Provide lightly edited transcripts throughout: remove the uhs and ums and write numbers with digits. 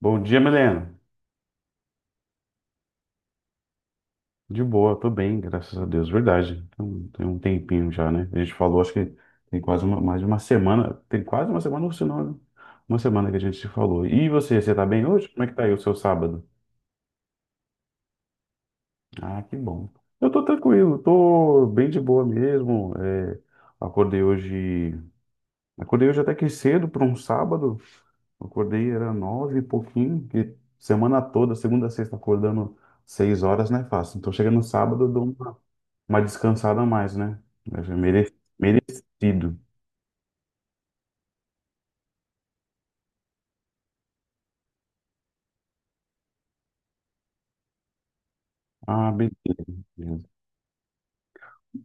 Bom dia, Milena. De boa, tô bem, graças a Deus, verdade. Tem um tempinho já, né? A gente falou, acho que tem quase uma, mais de uma semana, tem quase uma semana, ou se não, uma semana que a gente se falou. E você tá bem hoje? Como é que tá aí o seu sábado? Ah, que bom. Eu tô tranquilo, tô bem de boa mesmo. Acordei hoje, acordei hoje até que cedo para um sábado. Acordei era nove e pouquinho, que semana toda, segunda a sexta, acordando seis horas não é fácil. Então chega no sábado, eu dou um uma descansada a mais, né? Deve ser mere- Merecido. Ah, beleza.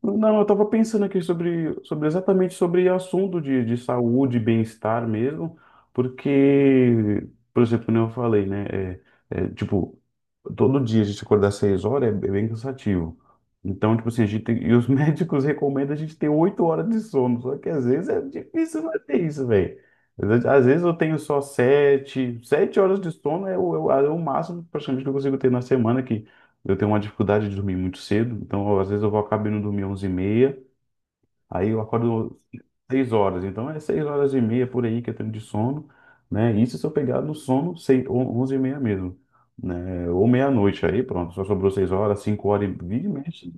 Não, eu estava pensando aqui sobre exatamente sobre assunto de saúde e bem-estar mesmo, porque, por exemplo, como eu falei, né? É, tipo, Todo dia a gente acordar seis horas é bem cansativo. Então, tipo assim, a gente tem, e os médicos recomendam a gente ter oito horas de sono, só que às vezes é difícil manter isso, velho. Às vezes eu tenho só sete horas de sono é o máximo praticamente que eu consigo ter na semana, que eu tenho uma dificuldade de dormir muito cedo, então às vezes eu vou acabo indo dormir onze e meia, aí eu acordo 6 horas, então é 6 horas e meia por aí que eu tenho de sono, né? Isso se eu pegar no sono 6, 11h30 mesmo, né? Ou meia-noite, aí pronto, só sobrou 6 horas, 5 horas, e- vira e mexe,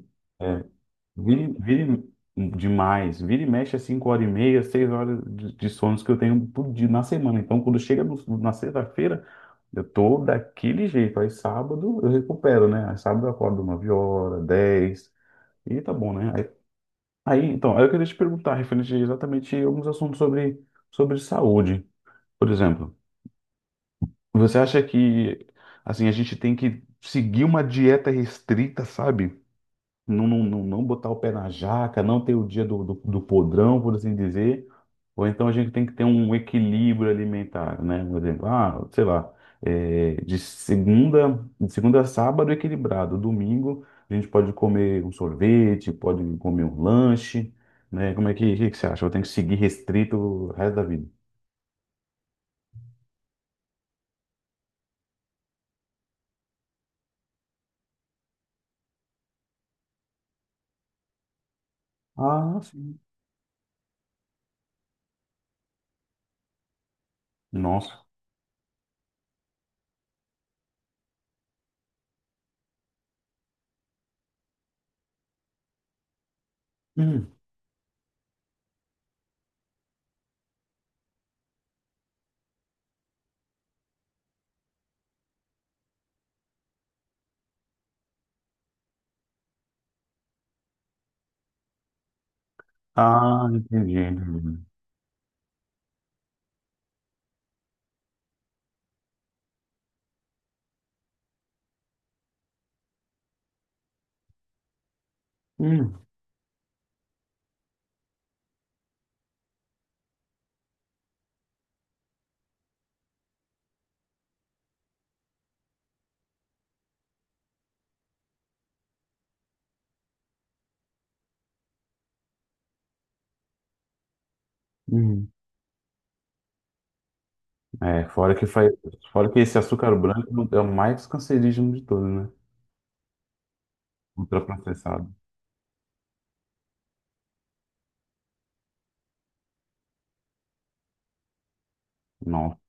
vira, e- vira e- demais, vira e mexe é 5 horas e meia, 6 horas de sonos que eu tenho por dia na semana, então quando chega na sexta-feira, eu tô daquele jeito. Aí sábado eu recupero, né? Aí sábado eu acordo 9 horas, dez. E tá bom, né? Aí eu queria te perguntar, referente a exatamente alguns assuntos sobre saúde. Por exemplo, você acha que, assim, a gente tem que seguir uma dieta restrita, sabe? Não botar o pé na jaca, não ter o dia do podrão, por assim dizer, ou então a gente tem que ter um equilíbrio alimentar, né? Por exemplo, ah, sei lá, de segunda a sábado equilibrado, domingo a gente pode comer um sorvete, pode comer um lanche, né? Como é que você acha? Eu tenho que seguir restrito o resto da vida. Ah, sim. Nossa. Hum. Ah, entendi, entendi. Hum. Hum. É, fora que faz, Fora que esse açúcar branco é o mais cancerígeno de todos, né? Ultraprocessado. Nossa,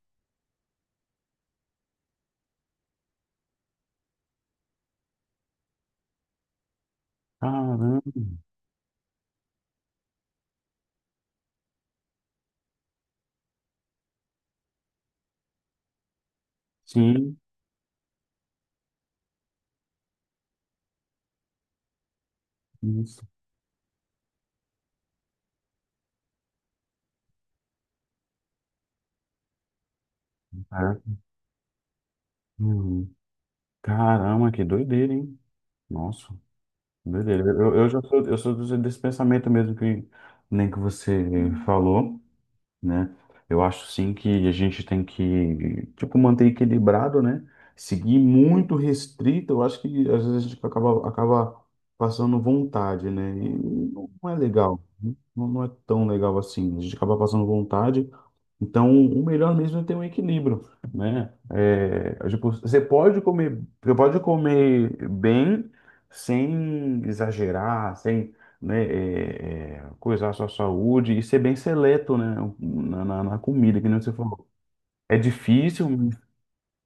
caramba. Sim, isso. Caraca, hum, caramba, que doideira, hein? Nossa, doideira. Eu sou desse pensamento mesmo que nem que você falou. Né? Eu acho sim que a gente tem que, tipo, manter equilibrado, né? Seguir muito restrito, eu acho que às vezes a gente acaba passando vontade, né? E não é legal, né? Não, não é tão legal assim. A gente acaba passando vontade, então o melhor mesmo é ter um equilíbrio, né? Você pode comer bem sem exagerar, sem né, coisar a sua saúde e ser bem seleto, né, na comida, que nem você falou. É difícil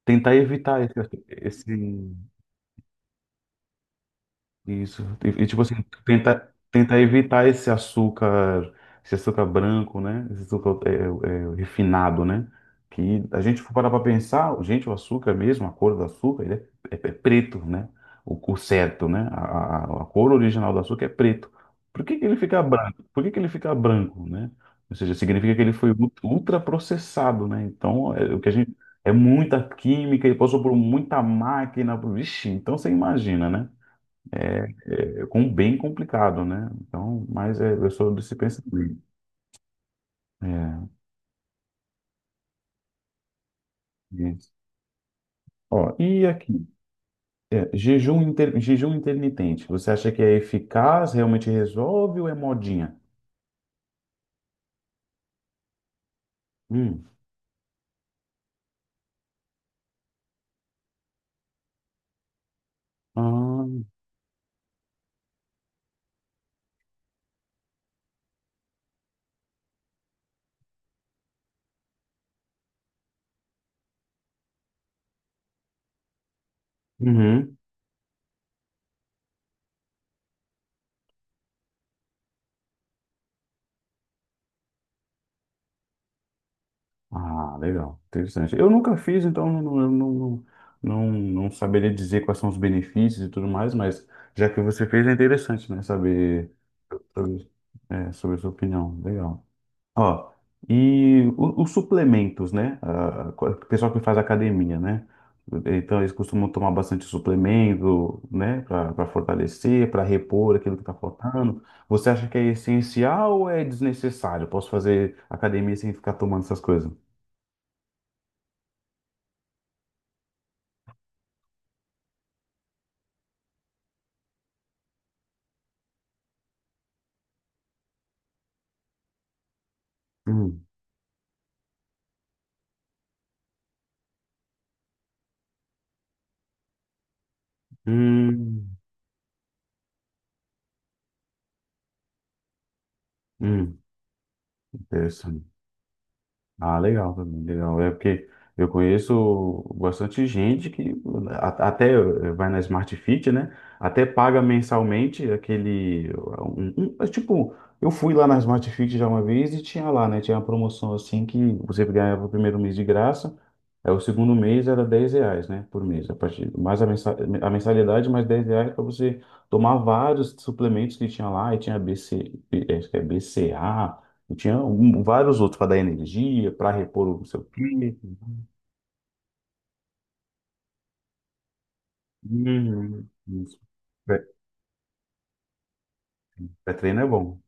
tentar evitar esse. Isso. E, tipo assim, tenta evitar esse açúcar branco, né? Esse açúcar é, é, é, refinado, né? Que a gente for parar para pensar, gente, o açúcar é mesmo, a cor do açúcar, ele é preto, né? O certo, né? A cor original do açúcar é preto. Por que que ele fica branco? Por que que ele fica branco, né? Ou seja, significa que ele foi ultraprocessado, né? Então, é, o que a gente. É muita química, ele passou por muita máquina. Vixe, então você imagina, né? É, com um bem complicado, né? Então, mas é, eu sou desse pensamento. É, isso. Ó, e aqui, jejum intermitente, você acha que é eficaz, realmente resolve ou é modinha? Hum. Ah, uhum. Ah, legal, interessante. Eu nunca fiz, então não, não- eu não, não, não, não saberia dizer quais são os benefícios e tudo mais, mas já que você fez, é interessante, né? Saber sobre, sobre a sua opinião. Legal. Ó, e os suplementos, né? Ah, o pessoal que faz academia, né? Então eles costumam tomar bastante suplemento, né? Para fortalecer, para repor aquilo que está faltando. Você acha que é essencial ou é desnecessário? Posso fazer academia sem ficar tomando essas coisas? Hum, hum, hum. Interessante. Ah, legal, também, legal. É porque eu conheço bastante gente que né, vai na Smart Fit, né? Até paga mensalmente aquele. um- um- é tipo, eu fui lá na Smart Fit já uma vez e tinha lá, né? Tinha uma promoção assim que você ganhava o primeiro mês de graça, aí o segundo mês era 10 reais, né? Por mês. A partir, mais a mensa- a mensalidade, mais 10 reais para você tomar vários suplementos que tinha lá. E tinha BC, acho que é BCA. Eu tinha vários outros para dar energia, para repor o seu time. Uhum. Isso. Pré- Pré-treino é bom.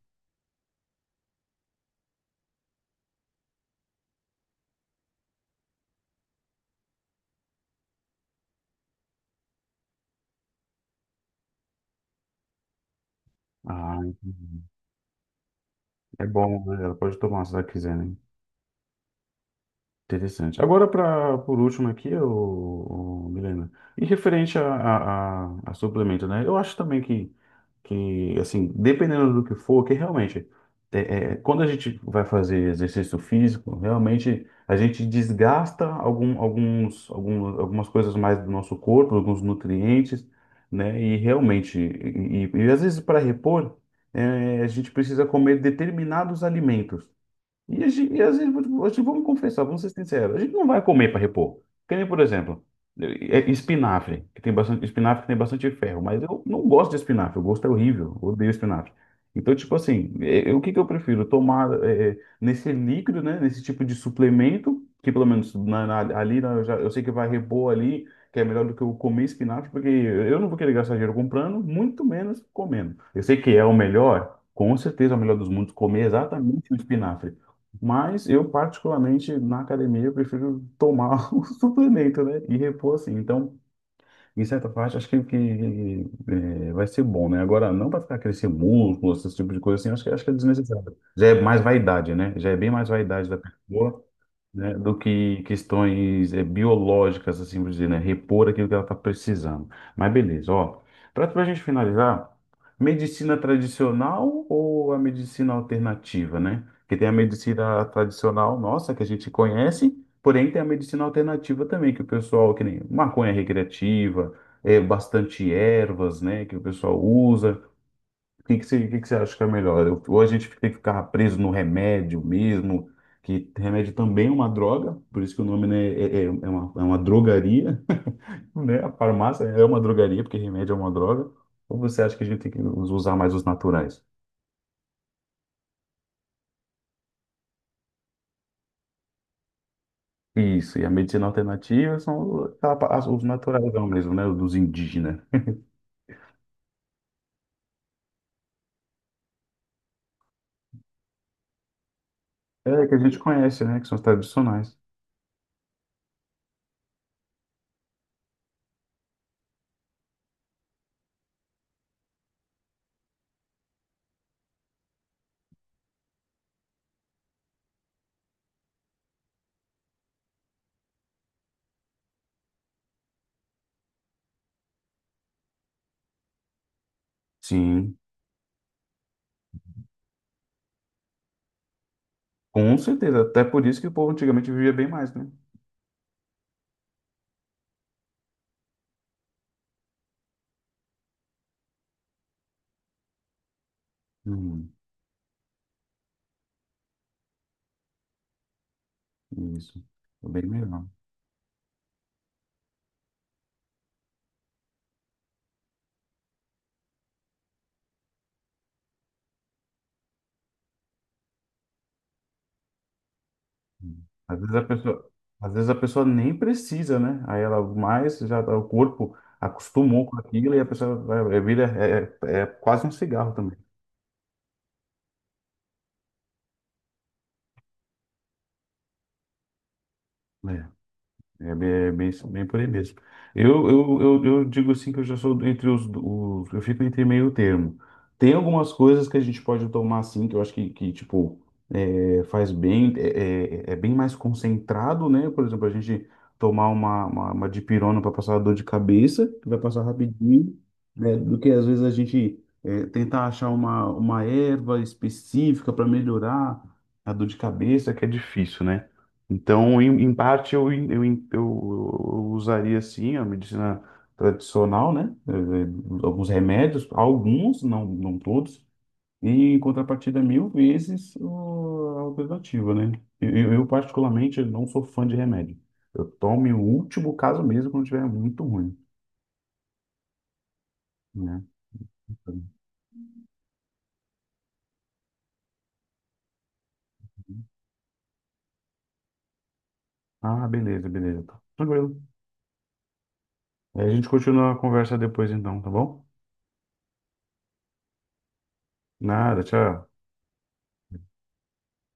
Ah, entendi. É bom, né? Ela pode tomar se ela quiser, né? Interessante. Agora, pra, por último aqui, Milena, em referente a suplemento, né? Eu acho também que, assim, dependendo do que for, que realmente, é, quando a gente vai fazer exercício físico, realmente a gente desgasta algumas coisas mais do nosso corpo, alguns nutrientes, né? E realmente, e às vezes para repor, é, a gente precisa comer determinados alimentos. E, às vezes, vamos confessar, vamos ser sinceros, a gente não vai comer para repor. Que nem, por exemplo, espinafre, que tem bastante, espinafre que tem bastante ferro, mas eu não gosto de espinafre, o gosto é horrível, eu odeio espinafre. Então, tipo assim, o que que eu prefiro? Tomar nesse líquido, né, nesse tipo de suplemento, que pelo menos na- na- ali na- eu, já- eu sei que vai repor ali, que é melhor do que eu comer espinafre, porque eu não vou querer gastar dinheiro comprando, muito menos comendo. Eu sei que é o melhor, com certeza é o melhor dos mundos, comer exatamente o espinafre. Mas eu, particularmente, na academia, eu prefiro tomar o suplemento, né? E repor assim. Então, em certa parte, acho que vai ser bom, né? Agora, não para ficar crescer músculo, esse tipo de coisa assim, acho que é desnecessário. Já é mais vaidade, né? Já é bem mais vaidade da pessoa né, do que questões eh, biológicas, assim por dizer, né, repor aquilo que ela está precisando. Mas beleza, ó. Para a gente finalizar, medicina tradicional ou a medicina alternativa, né? Porque tem a medicina tradicional nossa, que a gente conhece, porém tem a medicina alternativa também, que o pessoal, que nem maconha recreativa, é, bastante ervas, né, que o pessoal usa. O que que você acha que é melhor? Ou a gente tem que ficar preso no remédio mesmo, que remédio também é uma droga, por isso que o nome, né, é uma drogaria, né? A farmácia é uma drogaria, porque remédio é uma droga. Ou você acha que a gente tem que usar mais os naturais? Isso, e a medicina alternativa são os naturais mesmo, né? Dos indígenas. É, que a gente conhece, né? Que são os tradicionais. Sim, com certeza. Até por isso que o povo antigamente vivia bem mais, né? Hum, isso. Bem melhor. Às vezes a pessoa, às vezes a pessoa nem precisa, né? Aí ela mais o corpo acostumou com aquilo e a pessoa vai- é, vira é quase um cigarro também. Né? É bem, bem por aí mesmo. Eu digo assim que eu já sou entre os, os. Eu fico entre meio termo. Tem algumas coisas que a gente pode tomar assim, que eu acho que tipo, é, faz bem, é, é, é bem mais concentrado, né? Por exemplo, a gente tomar uma dipirona para passar a dor de cabeça, que vai passar rapidinho, né? Do que às vezes a gente tentar achar uma erva específica para melhorar a dor de cabeça, que é difícil, né? Então, em, em parte, eu usaria sim a medicina tradicional, né? Eh, alguns remédios, alguns, não, não todos, e em contrapartida, mil vezes a alternativa, né? Particularmente, não sou fã de remédio. Eu tomo em último caso mesmo quando estiver muito ruim, né? Ah, beleza, beleza. Tá. Tranquilo. Aí a gente continua a conversa depois, então, tá bom? Nada, tchau.